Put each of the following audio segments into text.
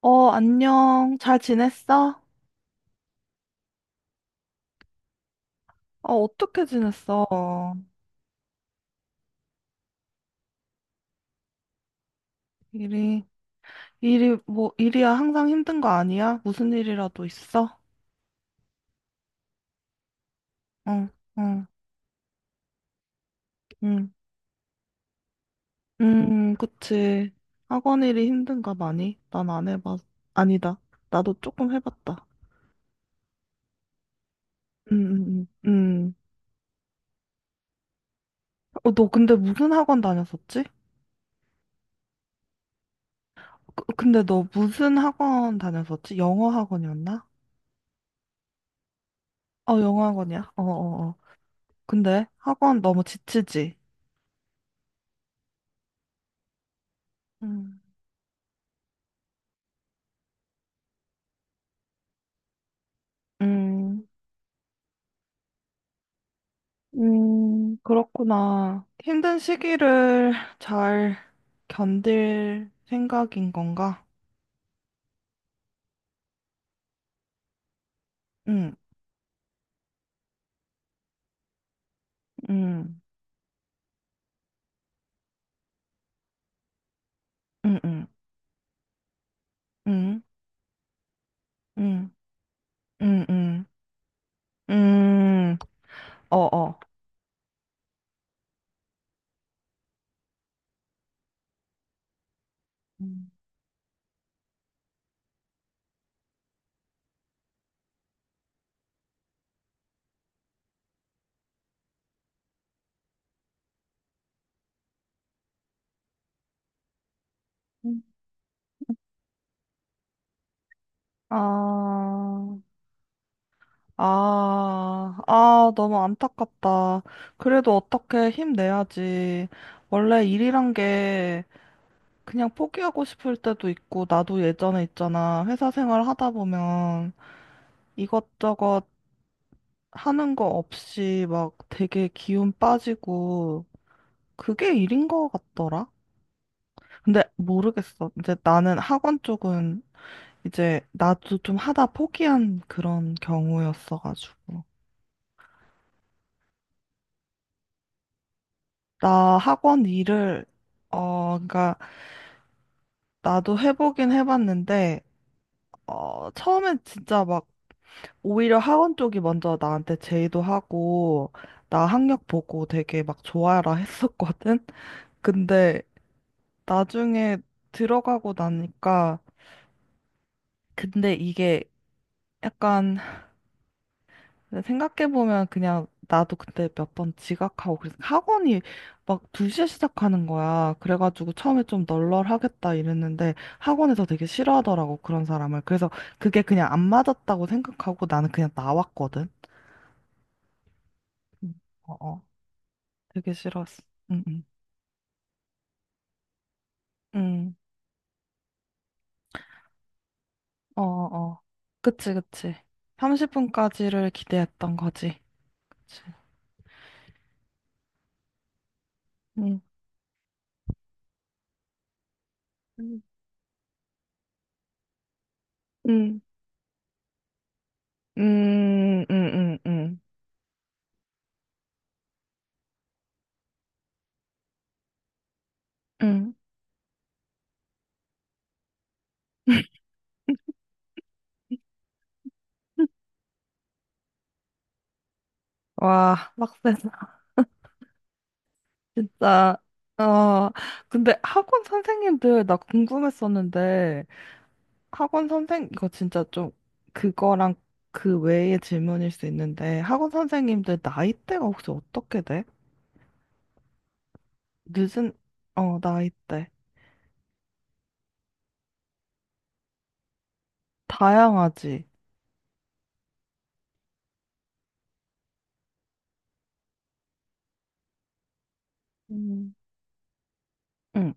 어, 안녕. 잘 지냈어? 어, 어떻게 지냈어? 일이, 일이, 뭐, 일이야. 항상 힘든 거 아니야? 무슨 일이라도 있어? 응, 응, 응. 그치. 학원 일이 힘든가 많이? 난 안 해봤, 아니다. 나도 조금 해봤다. 응, 응, 응. 응. 어, 너 근데 무슨 학원 다녔었지? 근데 너 무슨 학원 다녔었지? 영어 학원이었나? 어, 영어 학원이야. 어, 어, 어. 근데 학원 너무 지치지? 응. 음, 음, 그렇구나. 힘든 시기를 잘 견딜 생각인 건가? 응, 응, 응, 응, 응, 응, 응, 응, 응, 어, 어. 음, 음. 아, 아, 아, 너무 안타깝다. 그래도 어떻게 힘내야지. 원래 일이란 게 그냥 포기하고 싶을 때도 있고, 나도 예전에 있잖아. 회사 생활 하다 보면. 이것저것 하는 거 없이 막 되게 기운 빠지고 그게 일인 것 같더라. 근데 모르겠어. 이제 나는 학원 쪽은 이제 나도 좀 하다 포기한 그런 경우였어가지고. 나 학원 일을, 어, 그러니까 나도 해보긴 해봤는데, 어, 처음엔 진짜 막 오히려 학원 쪽이 먼저 나한테 제의도 하고, 나 학력 보고 되게 막 좋아라 했었거든? 근데 나중에 들어가고 나니까, 근데 이게 약간 생각해보면 그냥 나도 그때 몇 번 지각하고 그래서 학원이 막 2시에 시작하는 거야. 그래가지고 처음에 좀 널널하겠다 이랬는데 학원에서 되게 싫어하더라고, 그런 사람을. 그래서 그게 그냥 안 맞았다고 생각하고 나는 그냥 나왔거든. 음, 어, 어. 되게 싫었어. 응, 응. 응, 어, 어. 어. 그치, 그치. 30분까지를 기대했던 거지. 그치. 응. 음. 응. 음, 음, 음, 음. 음. 와, 빡세다. 진짜. 어, 근데 학원 선생님들 나 궁금했었는데, 학원 선생, 이거 진짜 좀 그거랑 그 외의 질문일 수 있는데, 학원 선생님들 나이대가 혹시 어떻게 돼? 늦은, 어, 나이대. 다양하지. 음. 응.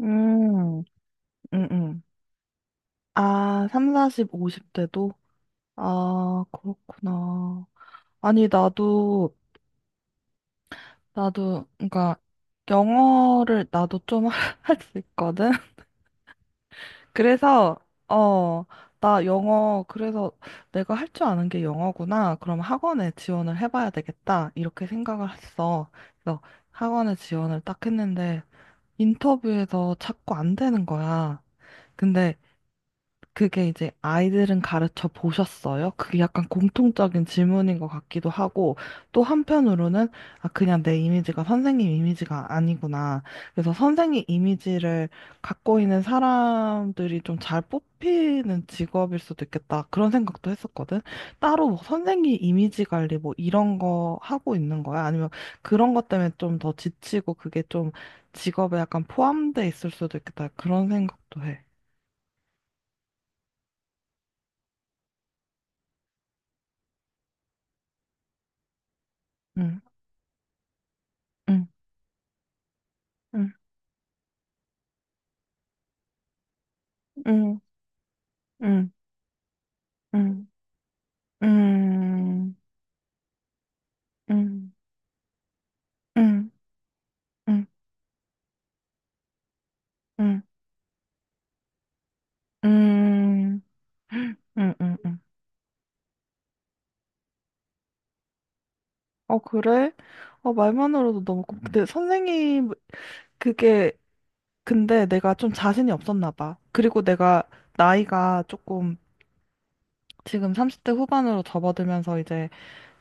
음, 응, 응. 아, 3, 40, 50대도? 아, 그렇구나. 아니, 나도, 그러니까, 영어를 나도 좀 할 수 있거든? 그래서, 어, 나 영어, 그래서 내가 할 줄 아는 게 영어구나. 그럼 학원에 지원을 해봐야 되겠다. 이렇게 생각을 했어. 그래서 학원에 지원을 딱 했는데, 인터뷰에서 자꾸 안 되는 거야. 근데 그게 이제 아이들은 가르쳐 보셨어요? 그게 약간 공통적인 질문인 것 같기도 하고, 또 한편으로는, 아, 그냥 내 이미지가 선생님 이미지가 아니구나. 그래서 선생님 이미지를 갖고 있는 사람들이 좀 잘 뽑히는 직업일 수도 있겠다. 그런 생각도 했었거든. 따로 뭐 선생님 이미지 관리 뭐 이런 거 하고 있는 거야? 아니면 그런 것 때문에 좀 더 지치고 그게 좀 직업에 약간 포함돼 있을 수도 있겠다. 그런 생각도 해. 응, 응, 응. 음, 음, 음, 음, 음, 음, 음, 음, 음, 음, 음, 음. 어, 그래? 어, 말만으로도 너무 근데 선생님, 그게, 근데 내가 좀 자신이 없었나 봐. 그리고 내가 나이가 조금 지금 30대 후반으로 접어들면서 이제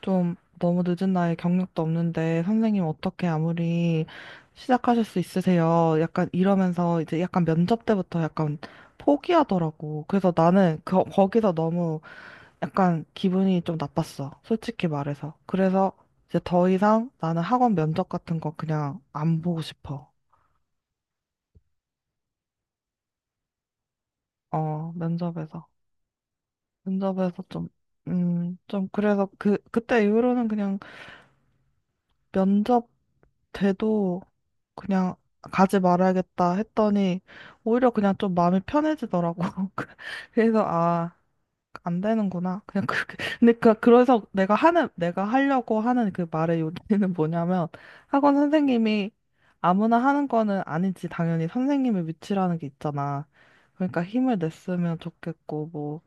좀 너무 늦은 나이에 경력도 없는데 선생님 어떻게 아무리 시작하실 수 있으세요? 약간 이러면서 이제 약간 면접 때부터 약간 포기하더라고. 그래서 나는 거기서 너무 약간 기분이 좀 나빴어. 솔직히 말해서. 그래서 이제 더 이상 나는 학원 면접 같은 거 그냥 안 보고 싶어. 어, 면접에서. 면접에서 좀, 좀 그래서 그때 이후로는 그냥 면접 돼도 그냥 가지 말아야겠다 했더니 오히려 그냥 좀 마음이 편해지더라고. 그래서 아, 안 되는구나. 그냥 그렇게. 근데 그래서 내가 하는, 내가 하려고 하는 그 말의 요지는 뭐냐면 학원 선생님이 아무나 하는 거는 아니지. 당연히 선생님의 위치라는 게 있잖아. 그러니까 힘을 냈으면 좋겠고, 뭐.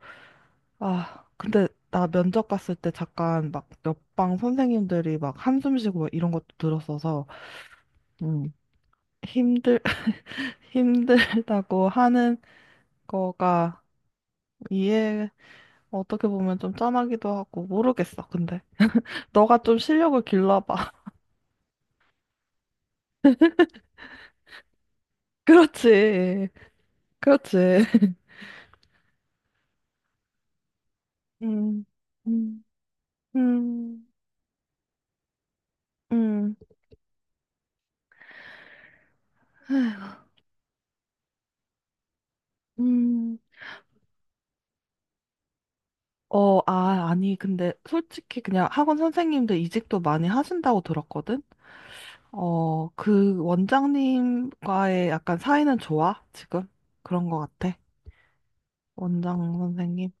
아, 근데 나 면접 갔을 때 잠깐 막 옆방 선생님들이 막 한숨 쉬고 막 이런 것도 들었어서 힘들, 힘들다고 하는 거가 이해, 어떻게 보면 좀 짠하기도 하고, 모르겠어, 근데. 너가 좀 실력을 길러봐. 그렇지. 그렇지. 음, 음, 음, 음, 음. 어, 아, 아니, 근데 솔직히 그냥 학원 선생님들 이직도 많이 하신다고 들었거든? 어, 그 원장님과의 약간 사이는 좋아, 지금? 그런 거 같아. 원장 선생님.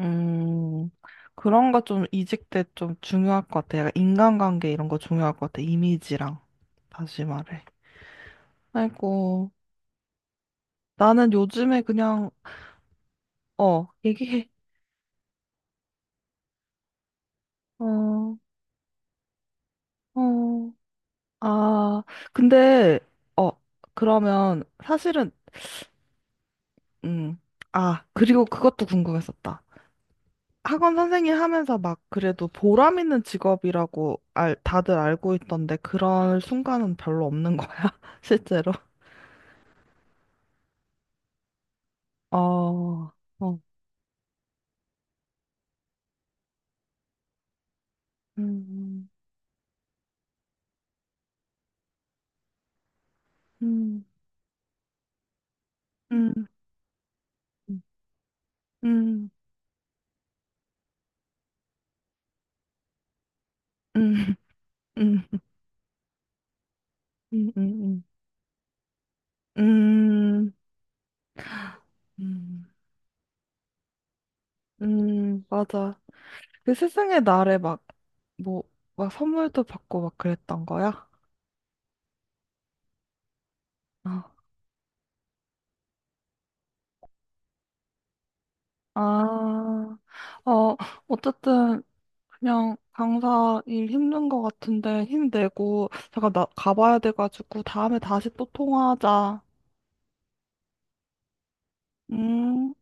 음, 그런 거 좀 이직 때 좀 중요할 것 같아. 약간 인간관계 이런 거 중요할 것 같아. 이미지랑. 다시 말해. 아이고, 나는 요즘에 그냥, 어, 얘기해. 어, 어, 아, 근데, 어, 그러면 사실은, 음, 아, 그리고 그것도 궁금했었다. 학원 선생님 하면서 막 그래도 보람 있는 직업이라고 알, 다들 알고 있던데 그런 순간은 별로 없는 거야, 실제로? 어, 어, 음, 음, 음, 음, 음, 음, 음, 음, 음, 음, 음, 맞아. 그 스승의 날에 막, 뭐, 막 선물도 받고 막 그랬던 거야? 어. 아, 어, 어쨌든, 그냥 강사 일 힘든 거 같은데 힘내고, 잠깐 나 가봐야 돼가지고, 다음에 다시 또 통화하자. 음.